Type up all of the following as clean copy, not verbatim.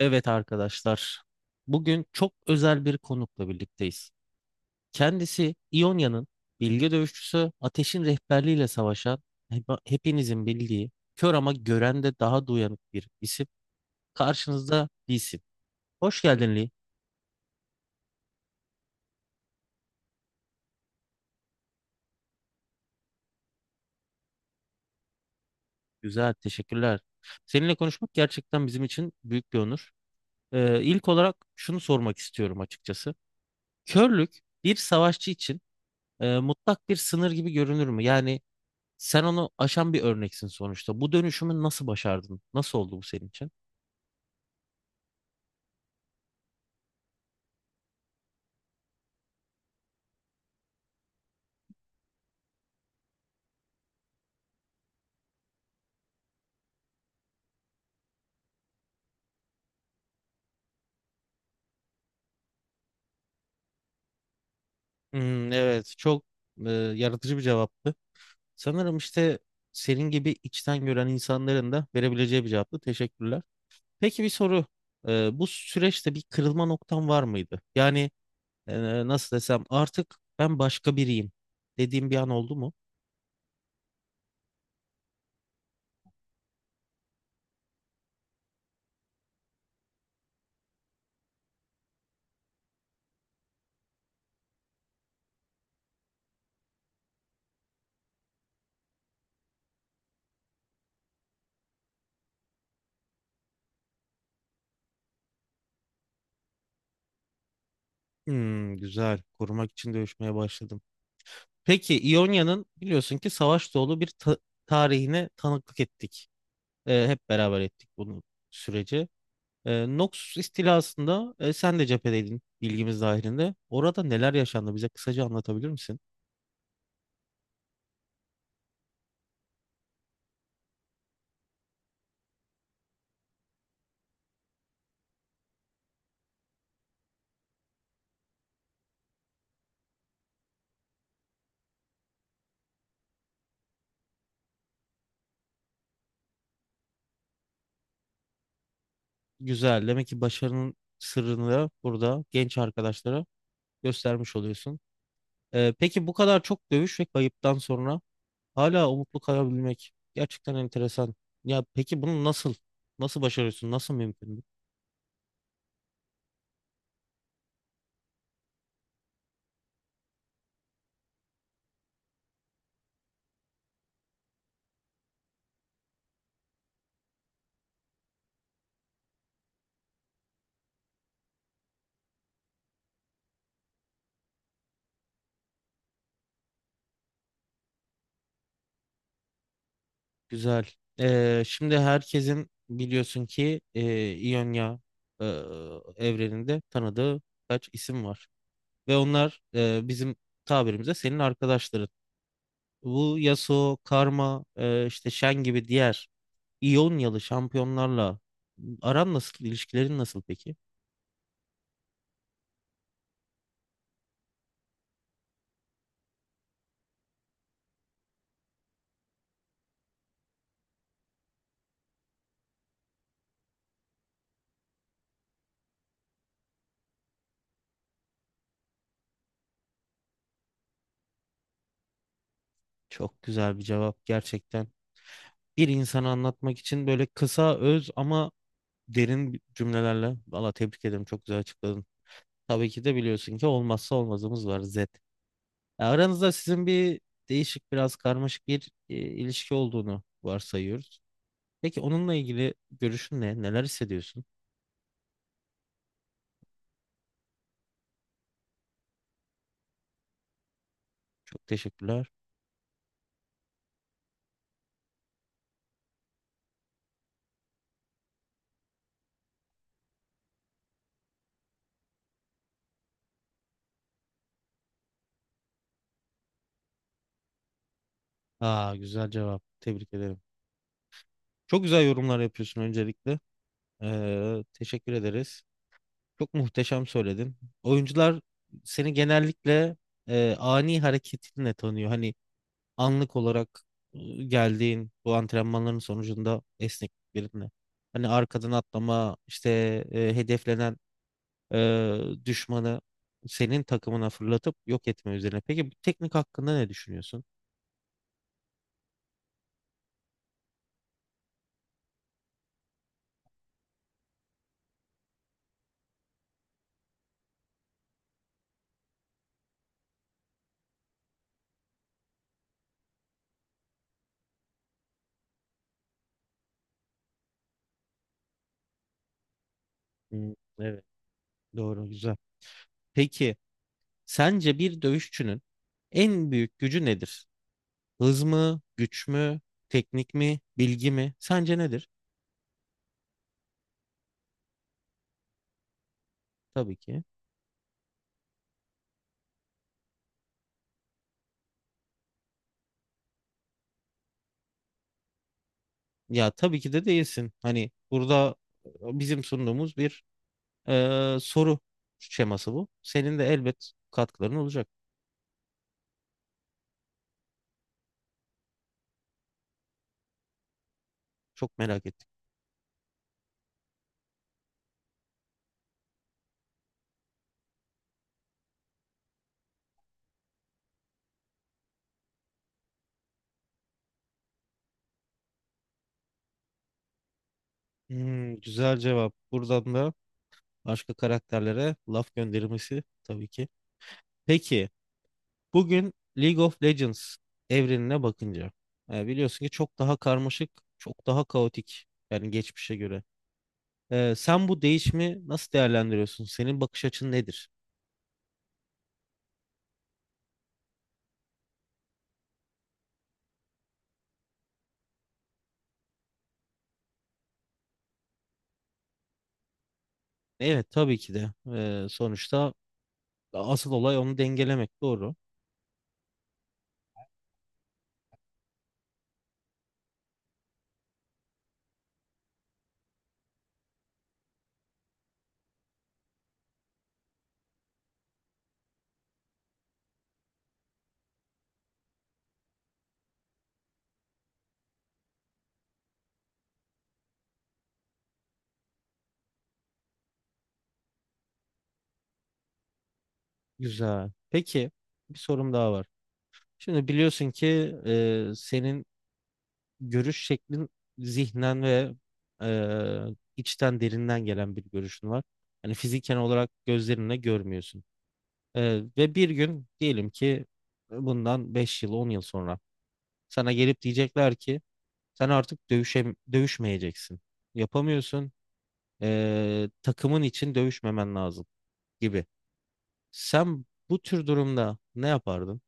Evet arkadaşlar, bugün çok özel bir konukla birlikteyiz. Kendisi İonya'nın bilge dövüşçüsü Ateş'in rehberliğiyle savaşan hepinizin bildiği kör ama gören de daha duyanık bir isim. Karşınızda bir isim. Hoş geldin Lee. Güzel, teşekkürler. Seninle konuşmak gerçekten bizim için büyük bir onur. İlk olarak şunu sormak istiyorum açıkçası. Körlük bir savaşçı için mutlak bir sınır gibi görünür mü? Yani sen onu aşan bir örneksin sonuçta. Bu dönüşümü nasıl başardın? Nasıl oldu bu senin için? Evet, çok yaratıcı bir cevaptı. Sanırım işte senin gibi içten gören insanların da verebileceği bir cevaptı. Teşekkürler. Peki bir soru. Bu süreçte bir kırılma noktan var mıydı? Yani nasıl desem artık ben başka biriyim dediğim bir an oldu mu? Güzel. Korumak için dövüşmeye başladım. Peki İonya'nın biliyorsun ki savaş dolu bir tarihine tanıklık ettik. Hep beraber ettik bunu süreci. Noxus istilasında sen de cephedeydin bilgimiz dahilinde. Orada neler yaşandı bize kısaca anlatabilir misin? Güzel. Demek ki başarının sırrını burada genç arkadaşlara göstermiş oluyorsun. Peki bu kadar çok dövüş ve kayıptan sonra hala umutlu kalabilmek gerçekten enteresan. Ya peki bunu nasıl başarıyorsun? Nasıl mümkün bu? Güzel. Şimdi herkesin biliyorsun ki İonya e, evreninde tanıdığı kaç isim var ve onlar bizim tabirimize senin arkadaşların. Bu Yasuo, Karma, işte Shen gibi diğer İyonyalı şampiyonlarla aran nasıl, ilişkilerin nasıl peki? Çok güzel bir cevap gerçekten. Bir insanı anlatmak için böyle kısa, öz ama derin cümlelerle. Valla tebrik ederim çok güzel açıkladın. Tabii ki de biliyorsun ki olmazsa olmazımız var Z. Aranızda sizin bir değişik biraz karmaşık bir ilişki olduğunu varsayıyoruz. Peki onunla ilgili görüşün ne? Neler hissediyorsun? Çok teşekkürler. Aa, güzel cevap. Tebrik ederim. Çok güzel yorumlar yapıyorsun öncelikle. Teşekkür ederiz. Çok muhteşem söyledin. Oyuncular seni genellikle ani hareketinle tanıyor. Hani anlık olarak geldiğin bu antrenmanların sonucunda esnekliklerinle. Hani arkadan atlama, işte hedeflenen e, düşmanı senin takımına fırlatıp yok etme üzerine. Peki bu teknik hakkında ne düşünüyorsun? Hmm, evet, doğru, güzel. Peki sence bir dövüşçünün en büyük gücü nedir? Hız mı, güç mü, teknik mi, bilgi mi? Sence nedir? Tabii ki. Ya tabii ki de değilsin. Hani burada bizim sunduğumuz bir soru şeması bu. Senin de elbet katkıların olacak. Çok merak ettim. Güzel cevap. Buradan da başka karakterlere laf göndermesi tabii ki. Peki bugün League of Legends evrenine bakınca biliyorsun ki çok daha karmaşık, çok daha kaotik yani geçmişe göre. Sen bu değişimi nasıl değerlendiriyorsun? Senin bakış açın nedir? Evet, tabii ki de. Sonuçta asıl olay onu dengelemek. Doğru. Güzel. Peki, bir sorum daha var. Şimdi biliyorsun ki senin görüş şeklin zihnen ve içten derinden gelen bir görüşün var. Yani fiziken olarak gözlerinle görmüyorsun. E, ve bir gün diyelim ki bundan 5 yıl, 10 yıl sonra sana gelip diyecekler ki sen artık dövüşmeyeceksin. Yapamıyorsun. Takımın için dövüşmemen lazım gibi. Sen bu tür durumda ne yapardın?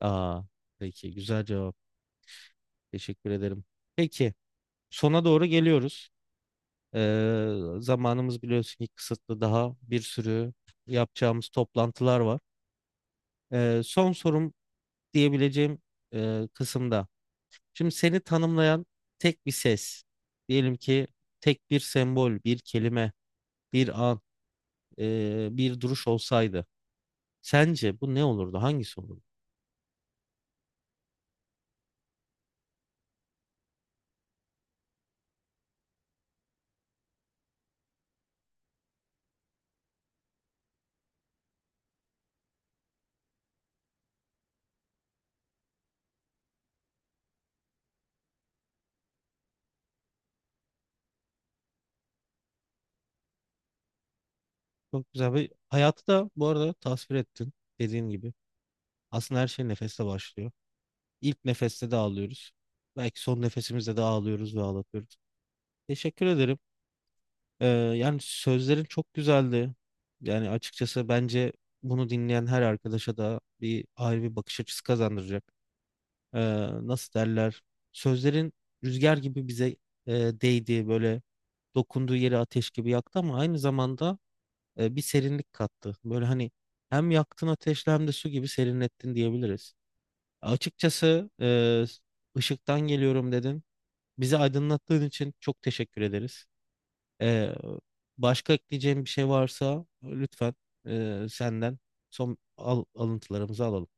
Aa, peki, güzel cevap. Teşekkür ederim. Peki sona doğru geliyoruz. Zamanımız biliyorsun ki kısıtlı. Daha bir sürü yapacağımız toplantılar var. Son sorum diyebileceğim kısımda. Şimdi seni tanımlayan tek bir ses. Diyelim ki tek bir sembol, bir kelime, bir an. Bir duruş olsaydı sence bu ne olurdu? Hangisi olurdu? Çok güzel bir hayatı da bu arada tasvir ettin dediğin gibi. Aslında her şey nefeste başlıyor. İlk nefeste de ağlıyoruz. Belki son nefesimizde de ağlıyoruz ve ağlatıyoruz. Teşekkür ederim. Yani sözlerin çok güzeldi. Yani açıkçası bence bunu dinleyen her arkadaşa da bir ayrı bir bakış açısı kazandıracak. Ee, nasıl derler? Sözlerin rüzgar gibi bize e, değdi, böyle dokunduğu yeri ateş gibi yaktı ama aynı zamanda bir serinlik kattı. Böyle hani hem yaktın ateşle hem de su gibi serinlettin diyebiliriz. Açıkçası ışıktan geliyorum dedin. Bizi aydınlattığın için çok teşekkür ederiz. E, başka ekleyeceğim bir şey varsa lütfen senden son alıntılarımızı alalım.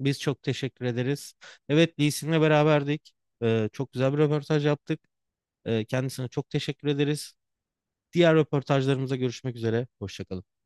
Biz çok teşekkür ederiz. Evet, Lee Sin'le beraberdik. Çok güzel bir röportaj yaptık. Kendisine çok teşekkür ederiz. Diğer röportajlarımıza görüşmek üzere. Hoşça kalın.